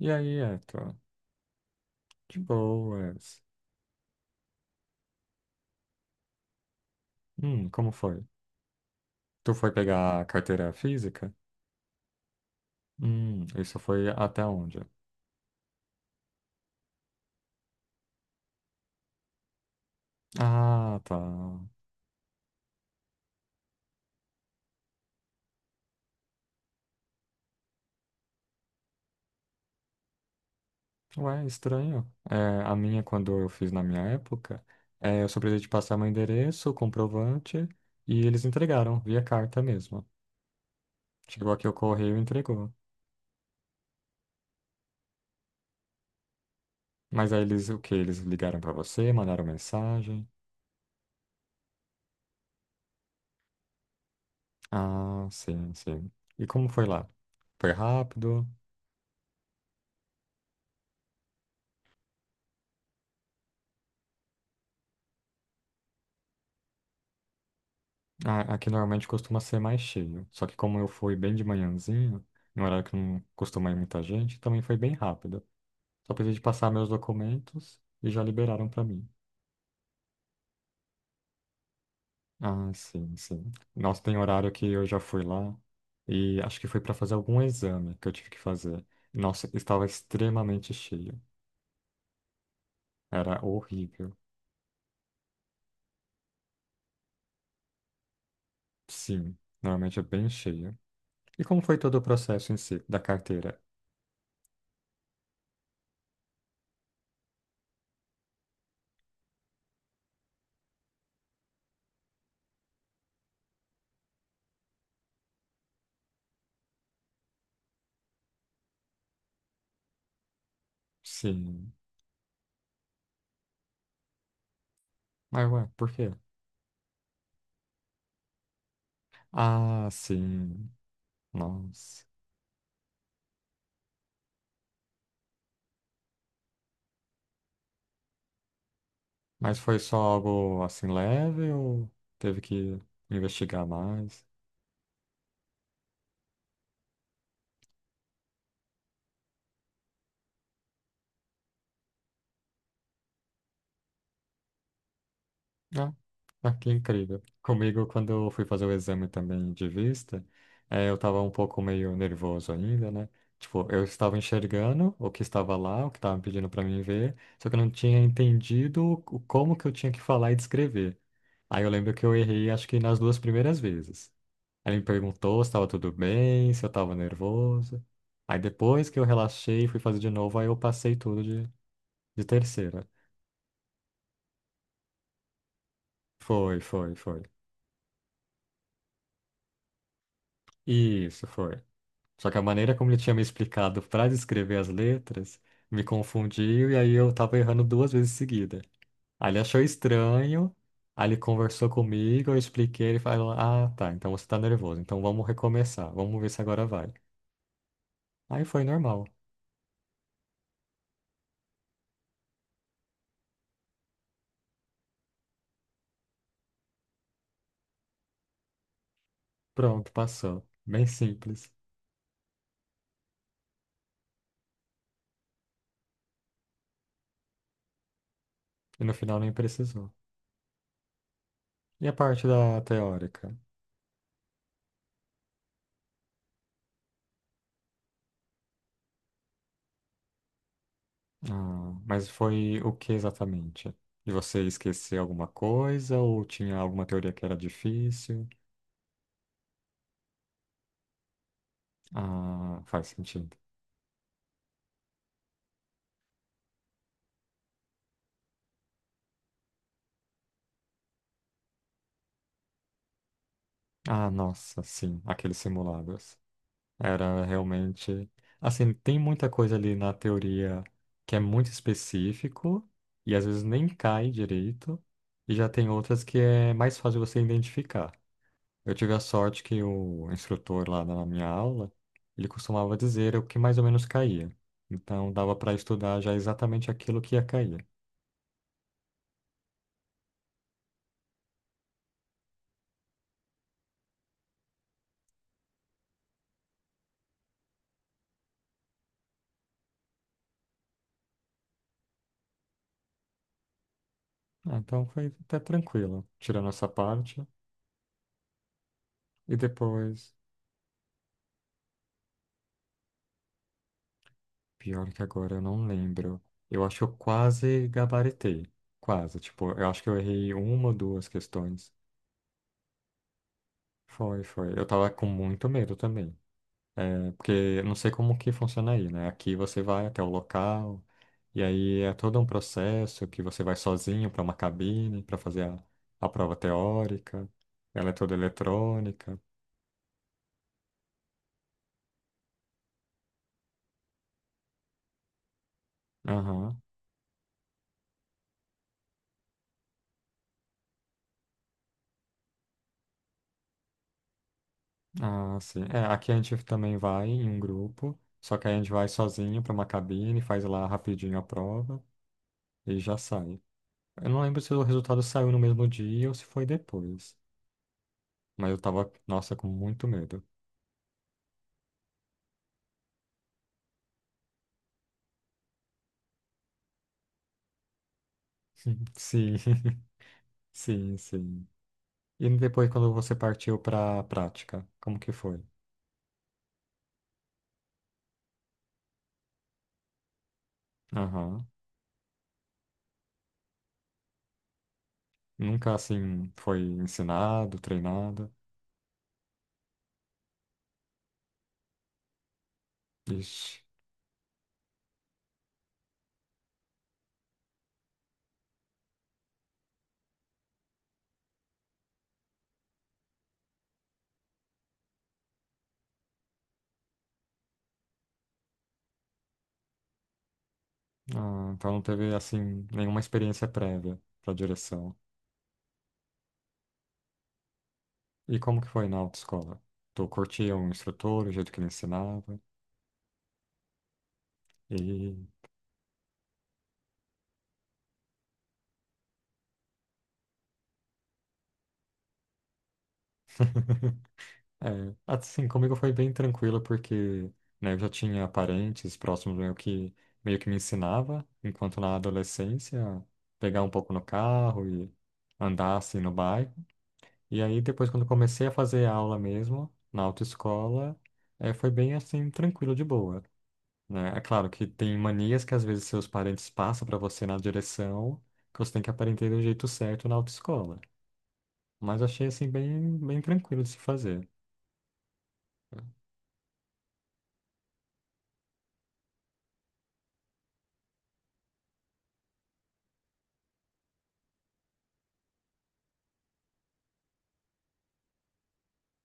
E aí, Eto? De boas. Como foi? Tu foi pegar a carteira física? Isso foi até onde? Ah, tá. Ué, estranho. É, a minha, quando eu fiz na minha época, é, eu só precisei de passar meu endereço, comprovante, e eles entregaram, via carta mesmo. Chegou aqui o correio e entregou. Mas aí eles, o quê? Eles ligaram pra você, mandaram mensagem? Ah, sim, sim. E como foi lá? Foi rápido? Aqui normalmente costuma ser mais cheio. Só que como eu fui bem de manhãzinho, em um horário que não costuma ir muita gente, também foi bem rápido. Só precisei de passar meus documentos e já liberaram pra mim. Ah, sim, sim. Nossa, tem horário que eu já fui lá e acho que foi pra fazer algum exame que eu tive que fazer. Nossa, estava extremamente cheio. Era horrível. Sim, normalmente é bem cheio. E como foi todo o processo em si da carteira? Sim. Mas ué, por quê? Ah, sim. Nossa. Mas foi só algo assim leve ou teve que investigar mais? Ah, ah, que incrível. Comigo, quando eu fui fazer o exame também de vista, eu estava um pouco meio nervoso ainda, né? Tipo, eu estava enxergando o que estava lá, o que estavam pedindo para mim ver, só que eu não tinha entendido como que eu tinha que falar e descrever. Aí eu lembro que eu errei, acho que nas duas primeiras vezes. Ele me perguntou se estava tudo bem, se eu estava nervoso. Aí depois que eu relaxei e fui fazer de novo, aí eu passei tudo de terceira. Foi, foi, foi. Isso, foi. Só que a maneira como ele tinha me explicado para descrever as letras me confundiu e aí eu tava errando duas vezes seguida. Aí ele achou estranho, aí ele conversou comigo, eu expliquei, ele falou: Ah, tá, então você tá nervoso, então vamos recomeçar, vamos ver se agora vai. Aí foi normal. Pronto, passou. Bem simples. E no final nem precisou. E a parte da teórica? Ah, mas foi o que exatamente? De você esquecer alguma coisa ou tinha alguma teoria que era difícil? Ah, faz sentido. Ah, nossa, sim, aqueles simulados. Era realmente. Assim, tem muita coisa ali na teoria que é muito específico e às vezes nem cai direito, e já tem outras que é mais fácil você identificar. Eu tive a sorte que o instrutor lá na minha aula, ele costumava dizer o que mais ou menos caía. Então dava para estudar já exatamente aquilo que ia cair. Ah, então foi até tranquilo, tirando essa parte. E depois, pior que agora eu não lembro. Eu acho que eu quase gabaritei. Quase, tipo, eu acho que eu errei uma ou duas questões. Foi, foi. Eu tava com muito medo também. É, porque eu não sei como que funciona aí, né? Aqui você vai até o local, e aí é todo um processo que você vai sozinho para uma cabine para fazer a prova teórica. Ela é toda eletrônica. Aham. Ah, sim. É, aqui a gente também vai em um grupo, só que aí a gente vai sozinho para uma cabine, faz lá rapidinho a prova e já sai. Eu não lembro se o resultado saiu no mesmo dia ou se foi depois, mas eu tava, nossa, com muito medo. Sim, sim, sim. E depois, quando você partiu para a prática, como que foi? Aham. Nunca, assim, foi ensinado, treinado? Ixi. Ah, então não teve, assim, nenhuma experiência prévia para direção. E como que foi na autoescola? Tu curtia o instrutor, o jeito que ele ensinava? E... É, assim, comigo foi bem tranquilo porque, né, eu já tinha parentes próximos meu que meio que me ensinava, enquanto na adolescência, pegar um pouco no carro e andar assim no bairro. E aí depois quando comecei a fazer aula mesmo, na autoescola, é, foi bem assim, tranquilo, de boa, né? É claro que tem manias que às vezes seus parentes passam para você na direção que você tem que aprender do jeito certo na autoescola. Mas achei assim bem, bem tranquilo de se fazer.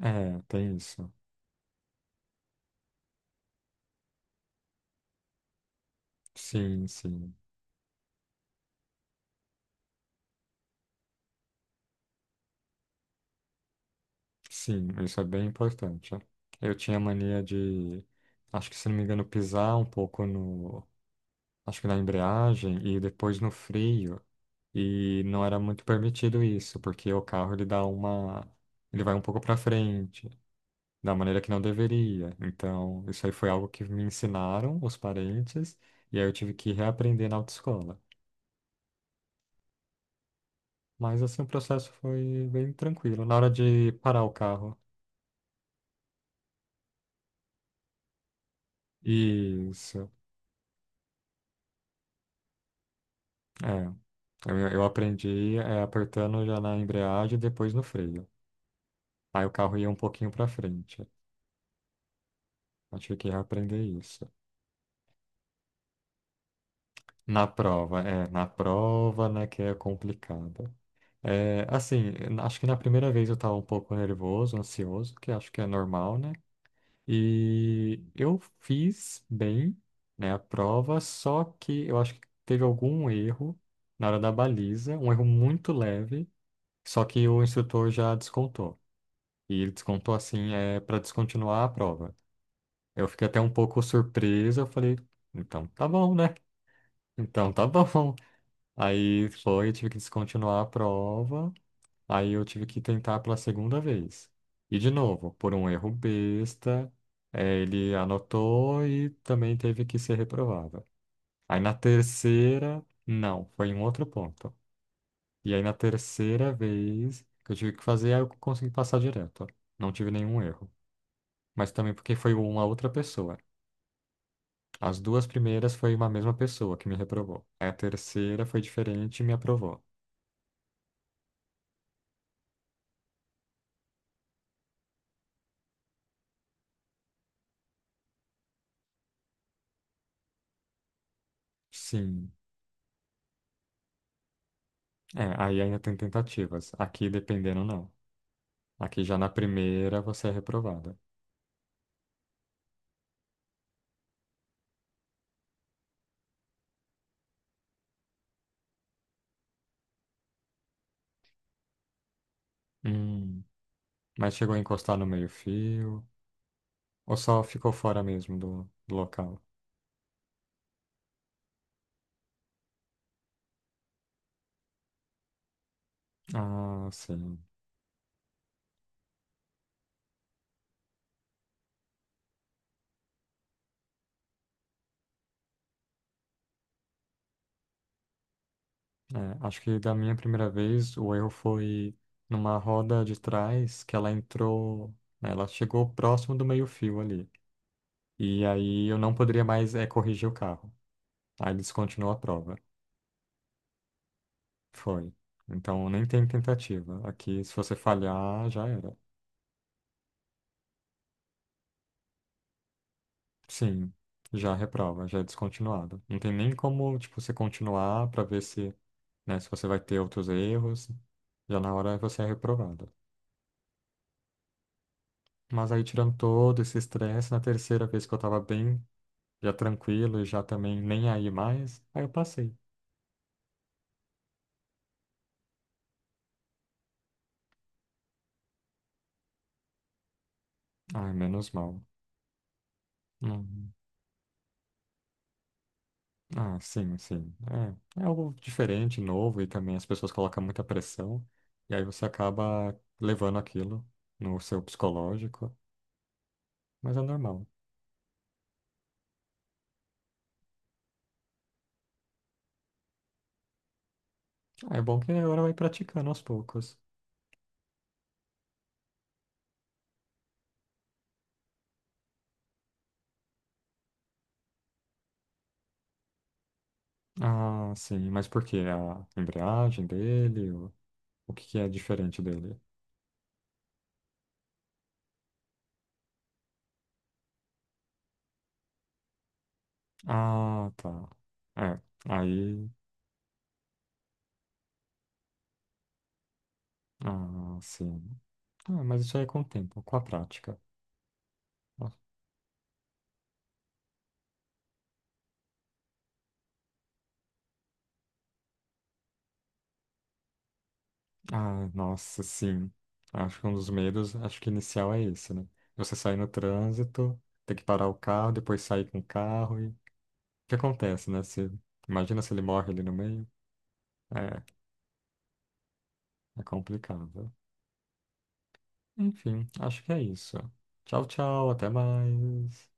É, tem isso. Sim, sim. Sim, isso é bem importante. Ó, eu tinha mania de, acho que se não me engano, pisar um pouco no, acho que na embreagem e depois no freio. E não era muito permitido isso, porque o carro ele dá uma, ele vai um pouco para frente, da maneira que não deveria. Então, isso aí foi algo que me ensinaram os parentes e aí eu tive que reaprender na autoescola. Mas assim, o processo foi bem tranquilo. Na hora de parar o carro, isso. É, eu aprendi é, apertando já na embreagem e depois no freio. Aí o carro ia um pouquinho para frente. Eu tive que aprender isso. Na prova, é, na prova, né, que é complicada. É, assim, acho que na primeira vez eu estava um pouco nervoso, ansioso, que acho que é normal, né? E eu fiz bem, né, a prova, só que eu acho que teve algum erro na hora da baliza, um erro muito leve, só que o instrutor já descontou. E ele descontou assim, é para descontinuar a prova. Eu fiquei até um pouco surpreso, eu falei, então tá bom, né? Então tá bom. Aí foi, eu tive que descontinuar a prova, aí eu tive que tentar pela segunda vez. E de novo, por um erro besta, ele anotou e também teve que ser reprovado. Aí na terceira, não, foi em outro ponto. E aí na terceira vez que eu tive que fazer, aí eu consegui passar direto. Não tive nenhum erro, mas também porque foi uma outra pessoa. As duas primeiras foi uma mesma pessoa que me reprovou. A terceira foi diferente e me aprovou. Sim. É, aí ainda tem tentativas. Aqui, dependendo, não. Aqui já na primeira você é reprovado. Hum. Mas chegou a encostar no meio-fio? Ou só ficou fora mesmo do, do local? Ah, sim. É, acho que da minha primeira vez o erro foi numa roda de trás que ela entrou. Né, ela chegou próximo do meio-fio ali. E aí eu não poderia mais corrigir o carro. Aí descontinuou a prova. Foi. Então nem tem tentativa. Aqui, se você falhar, já era. Sim, já reprova, já é descontinuado. Não tem nem como, tipo, você continuar para ver se, né, se você vai ter outros erros. Já na hora você é reprovado. Mas aí tirando todo esse estresse, na terceira vez que eu tava bem, já tranquilo e já também nem aí mais, aí eu passei. Ai, menos mal. Uhum. Ah, sim, sim. É, é algo diferente, novo, e também as pessoas colocam muita pressão, e aí você acaba levando aquilo no seu psicológico, mas é normal. Ah, é bom que agora vai praticando aos poucos. Ah, sim, mas por quê? A embreagem dele? O que que é diferente dele? Ah, tá. É, aí. Ah, sim. Ah, mas isso aí é com o tempo, com a prática. Ah, nossa, sim. Acho que um dos medos, acho que inicial é esse, né? Você sair no trânsito, ter que parar o carro, depois sair com o carro e... O que acontece, né? Você... Imagina se ele morre ali no meio. É, é complicado. Enfim, acho que é isso. Tchau, tchau, até mais.